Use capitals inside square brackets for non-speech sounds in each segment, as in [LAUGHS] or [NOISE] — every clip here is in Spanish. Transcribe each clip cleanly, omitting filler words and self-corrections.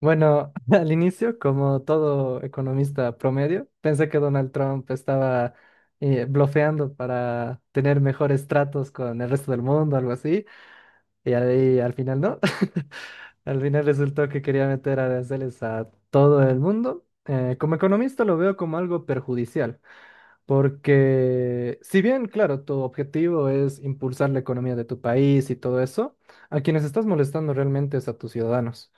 Bueno, [LAUGHS] al inicio, como todo economista promedio, pensé que Donald Trump estaba blofeando para tener mejores tratos con el resto del mundo, algo así, y ahí al final no. [LAUGHS] Al final resultó que quería meter aranceles a todo el mundo. Como economista lo veo como algo perjudicial, porque si bien, claro, tu objetivo es impulsar la economía de tu país y todo eso, a quienes estás molestando realmente es a tus ciudadanos.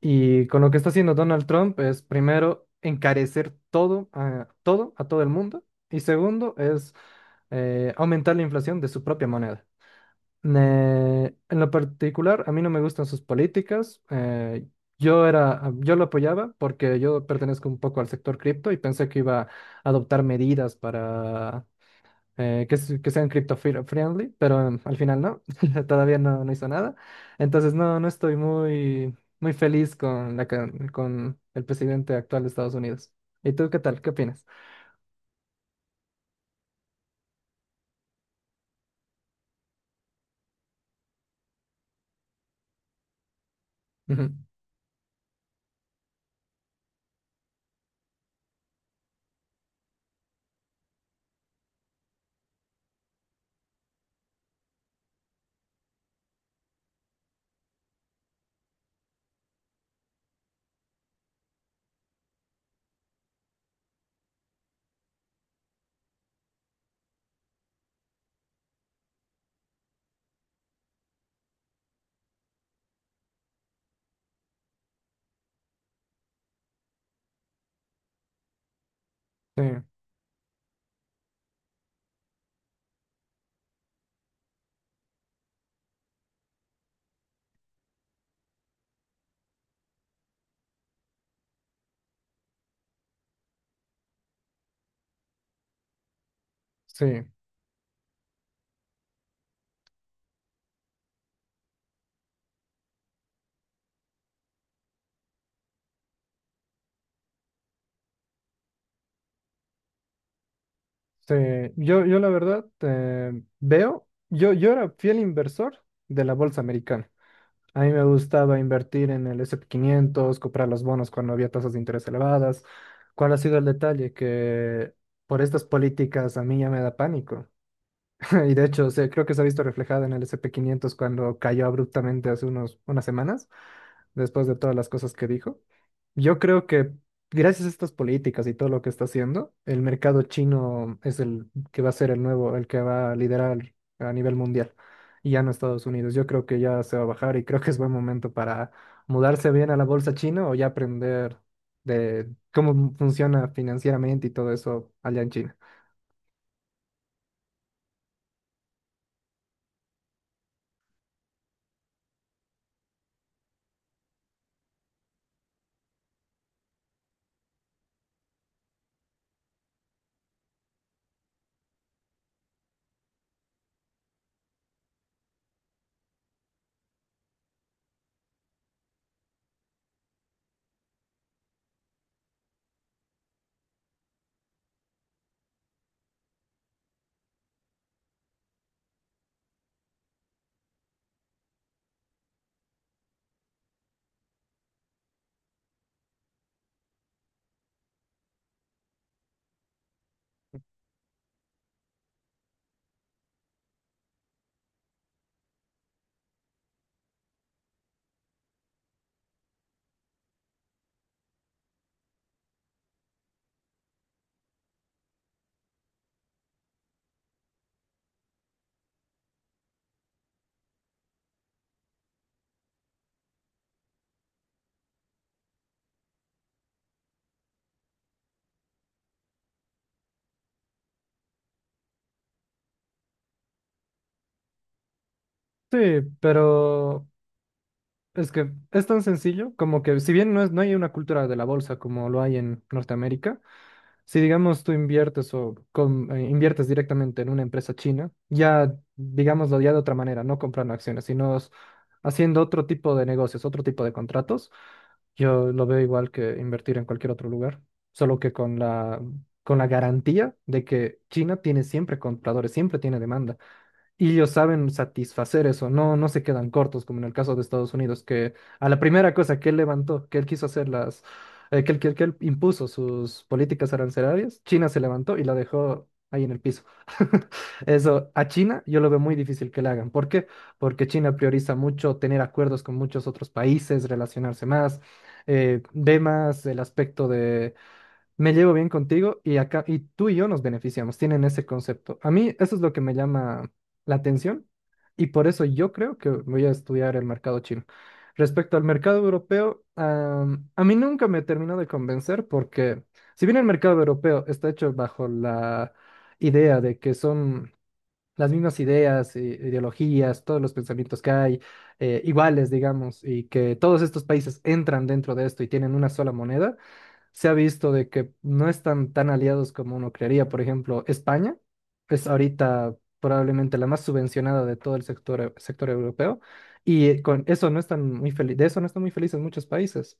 Y con lo que está haciendo Donald Trump es primero encarecer todo a todo, a todo el mundo. Y segundo es aumentar la inflación de su propia moneda. En lo particular, a mí no me gustan sus políticas. Yo era, yo lo apoyaba porque yo pertenezco un poco al sector cripto y pensé que iba a adoptar medidas para que sean crypto friendly, pero al final no, [LAUGHS] todavía no, no hizo nada. Entonces no, no estoy muy feliz con con el presidente actual de Estados Unidos. ¿Y tú qué tal? ¿Qué opinas? Ujú. Sí, sí, sí. Yo la verdad veo, yo era fiel inversor de la bolsa americana. A mí me gustaba invertir en el S&P 500, comprar los bonos cuando había tasas de interés elevadas. ¿Cuál ha sido el detalle? Que por estas políticas a mí ya me da pánico. [LAUGHS] Y de hecho, creo que se ha visto reflejado en el S&P 500 cuando cayó abruptamente hace unas semanas, después de todas las cosas que dijo. Yo creo que gracias a estas políticas y todo lo que está haciendo, el mercado chino es el que va a ser el nuevo, el que va a liderar a nivel mundial y ya no Estados Unidos. Yo creo que ya se va a bajar y creo que es buen momento para mudarse bien a la bolsa china o ya aprender de cómo funciona financieramente y todo eso allá en China. Sí, pero es que es tan sencillo como que si bien no es, no hay una cultura de la bolsa como lo hay en Norteamérica. Si digamos tú inviertes o inviertes directamente en una empresa china, ya digámoslo ya de otra manera, no comprando acciones, haciendo otro tipo de negocios, otro tipo de contratos, yo lo veo igual que invertir en cualquier otro lugar, solo que con la garantía de que China tiene siempre compradores, siempre tiene demanda. Y ellos saben satisfacer eso, no, no se quedan cortos, como en el caso de Estados Unidos, que a la primera cosa que él levantó, que él quiso hacer las, que él, que él- que él impuso sus políticas arancelarias, China se levantó y la dejó ahí en el piso. [LAUGHS] Eso, a China yo lo veo muy difícil que le hagan. ¿Por qué? Porque China prioriza mucho tener acuerdos con muchos otros países, relacionarse más, ve más el aspecto me llevo bien contigo y acá y tú y yo nos beneficiamos, tienen ese concepto. A mí eso es lo que me llama la atención y por eso yo creo que voy a estudiar el mercado chino. Respecto al mercado europeo, a mí nunca me terminó de convencer porque si bien el mercado europeo está hecho bajo la idea de que son las mismas ideas, ideologías, todos los pensamientos que hay iguales, digamos, y que todos estos países entran dentro de esto y tienen una sola moneda, se ha visto de que no están tan aliados como uno creería. Por ejemplo, España es ahorita probablemente la más subvencionada de todo el sector europeo y con eso no están muy felices, de eso no están muy felices muchos países.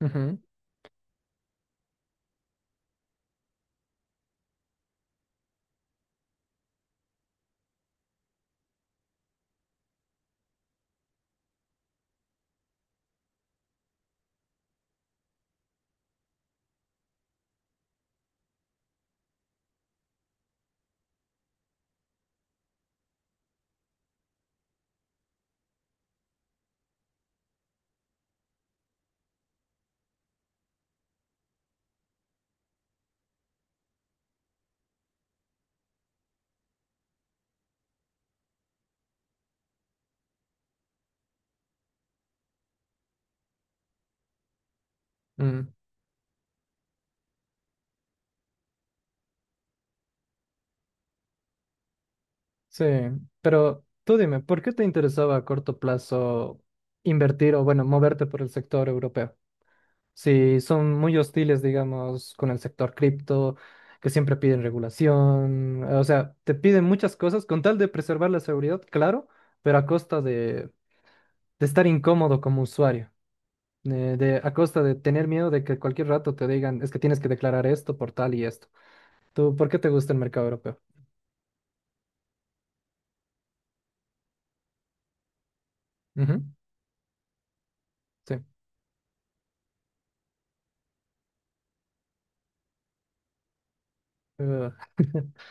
Ujú, mm, sí, pero tú dime, ¿por qué te interesaba a corto plazo invertir o, bueno, moverte por el sector europeo? Sí, son muy hostiles, digamos, con el sector cripto, que siempre piden regulación, o sea, te piden muchas cosas con tal de preservar la seguridad, claro, pero a costa de estar incómodo como usuario, a costa de tener miedo de que cualquier rato te digan, es que tienes que declarar esto por tal y esto. ¿Tú por qué te gusta el mercado europeo? Ujú. Sí. Eh, [LAUGHS]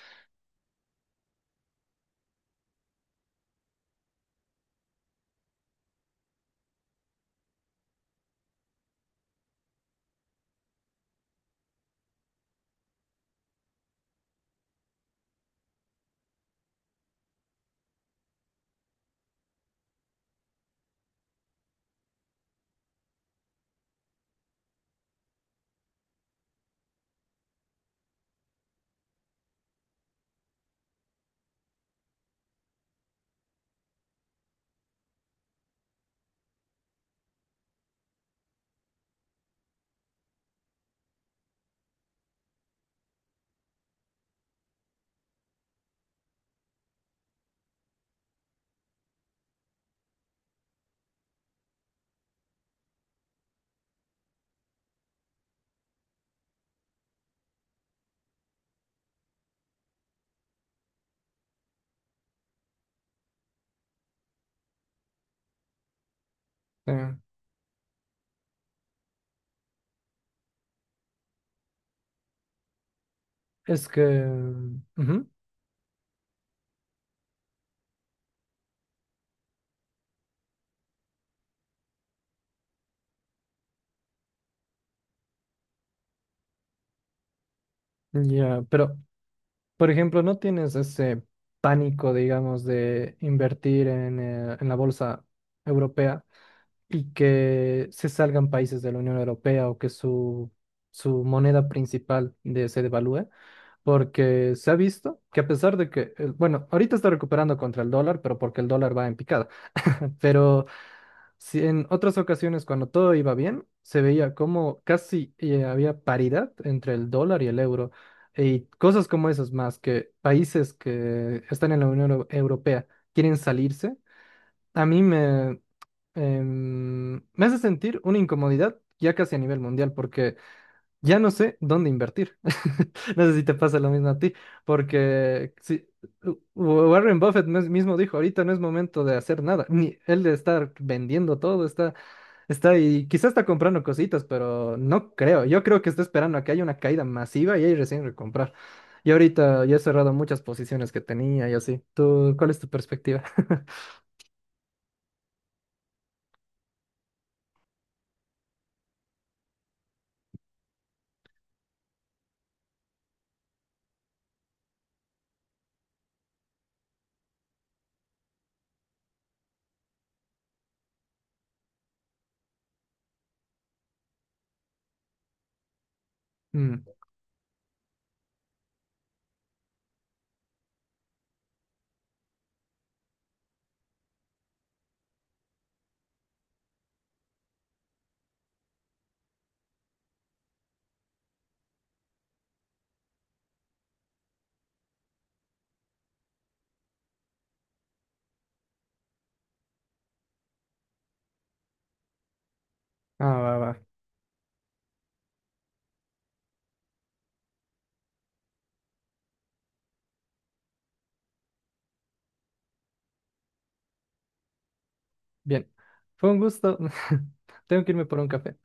eh, es que... ujú. Ya, pero por ejemplo, ¿no tienes ese pánico, digamos, de invertir en la bolsa europea y que se salgan países de la Unión Europea o que su moneda principal se devalúe? Porque se ha visto que a pesar de bueno, ahorita está recuperando contra el dólar, pero porque el dólar va en picada, [LAUGHS] pero si en otras ocasiones, cuando todo iba bien, se veía como casi había paridad entre el dólar y el euro. Y cosas como esas más, que países que están en la Unión Europea quieren salirse, a mí me, em, me hace sentir una incomodidad ya casi a nivel mundial, porque ya no sé dónde invertir. [LAUGHS] No sé si te pasa lo mismo a ti, porque si, Warren Buffett mismo dijo, ahorita no es momento de hacer nada, ni él de estar vendiendo todo, está y quizás está comprando cositas, pero no creo. Yo creo que está esperando a que haya una caída masiva y ahí recién recomprar. Y ahorita yo he cerrado muchas posiciones que tenía y así. ¿Tú, cuál es tu perspectiva? [LAUGHS] Mm, ah, va, va. Bien. Fue un gusto. [LAUGHS] Tengo que irme por un café.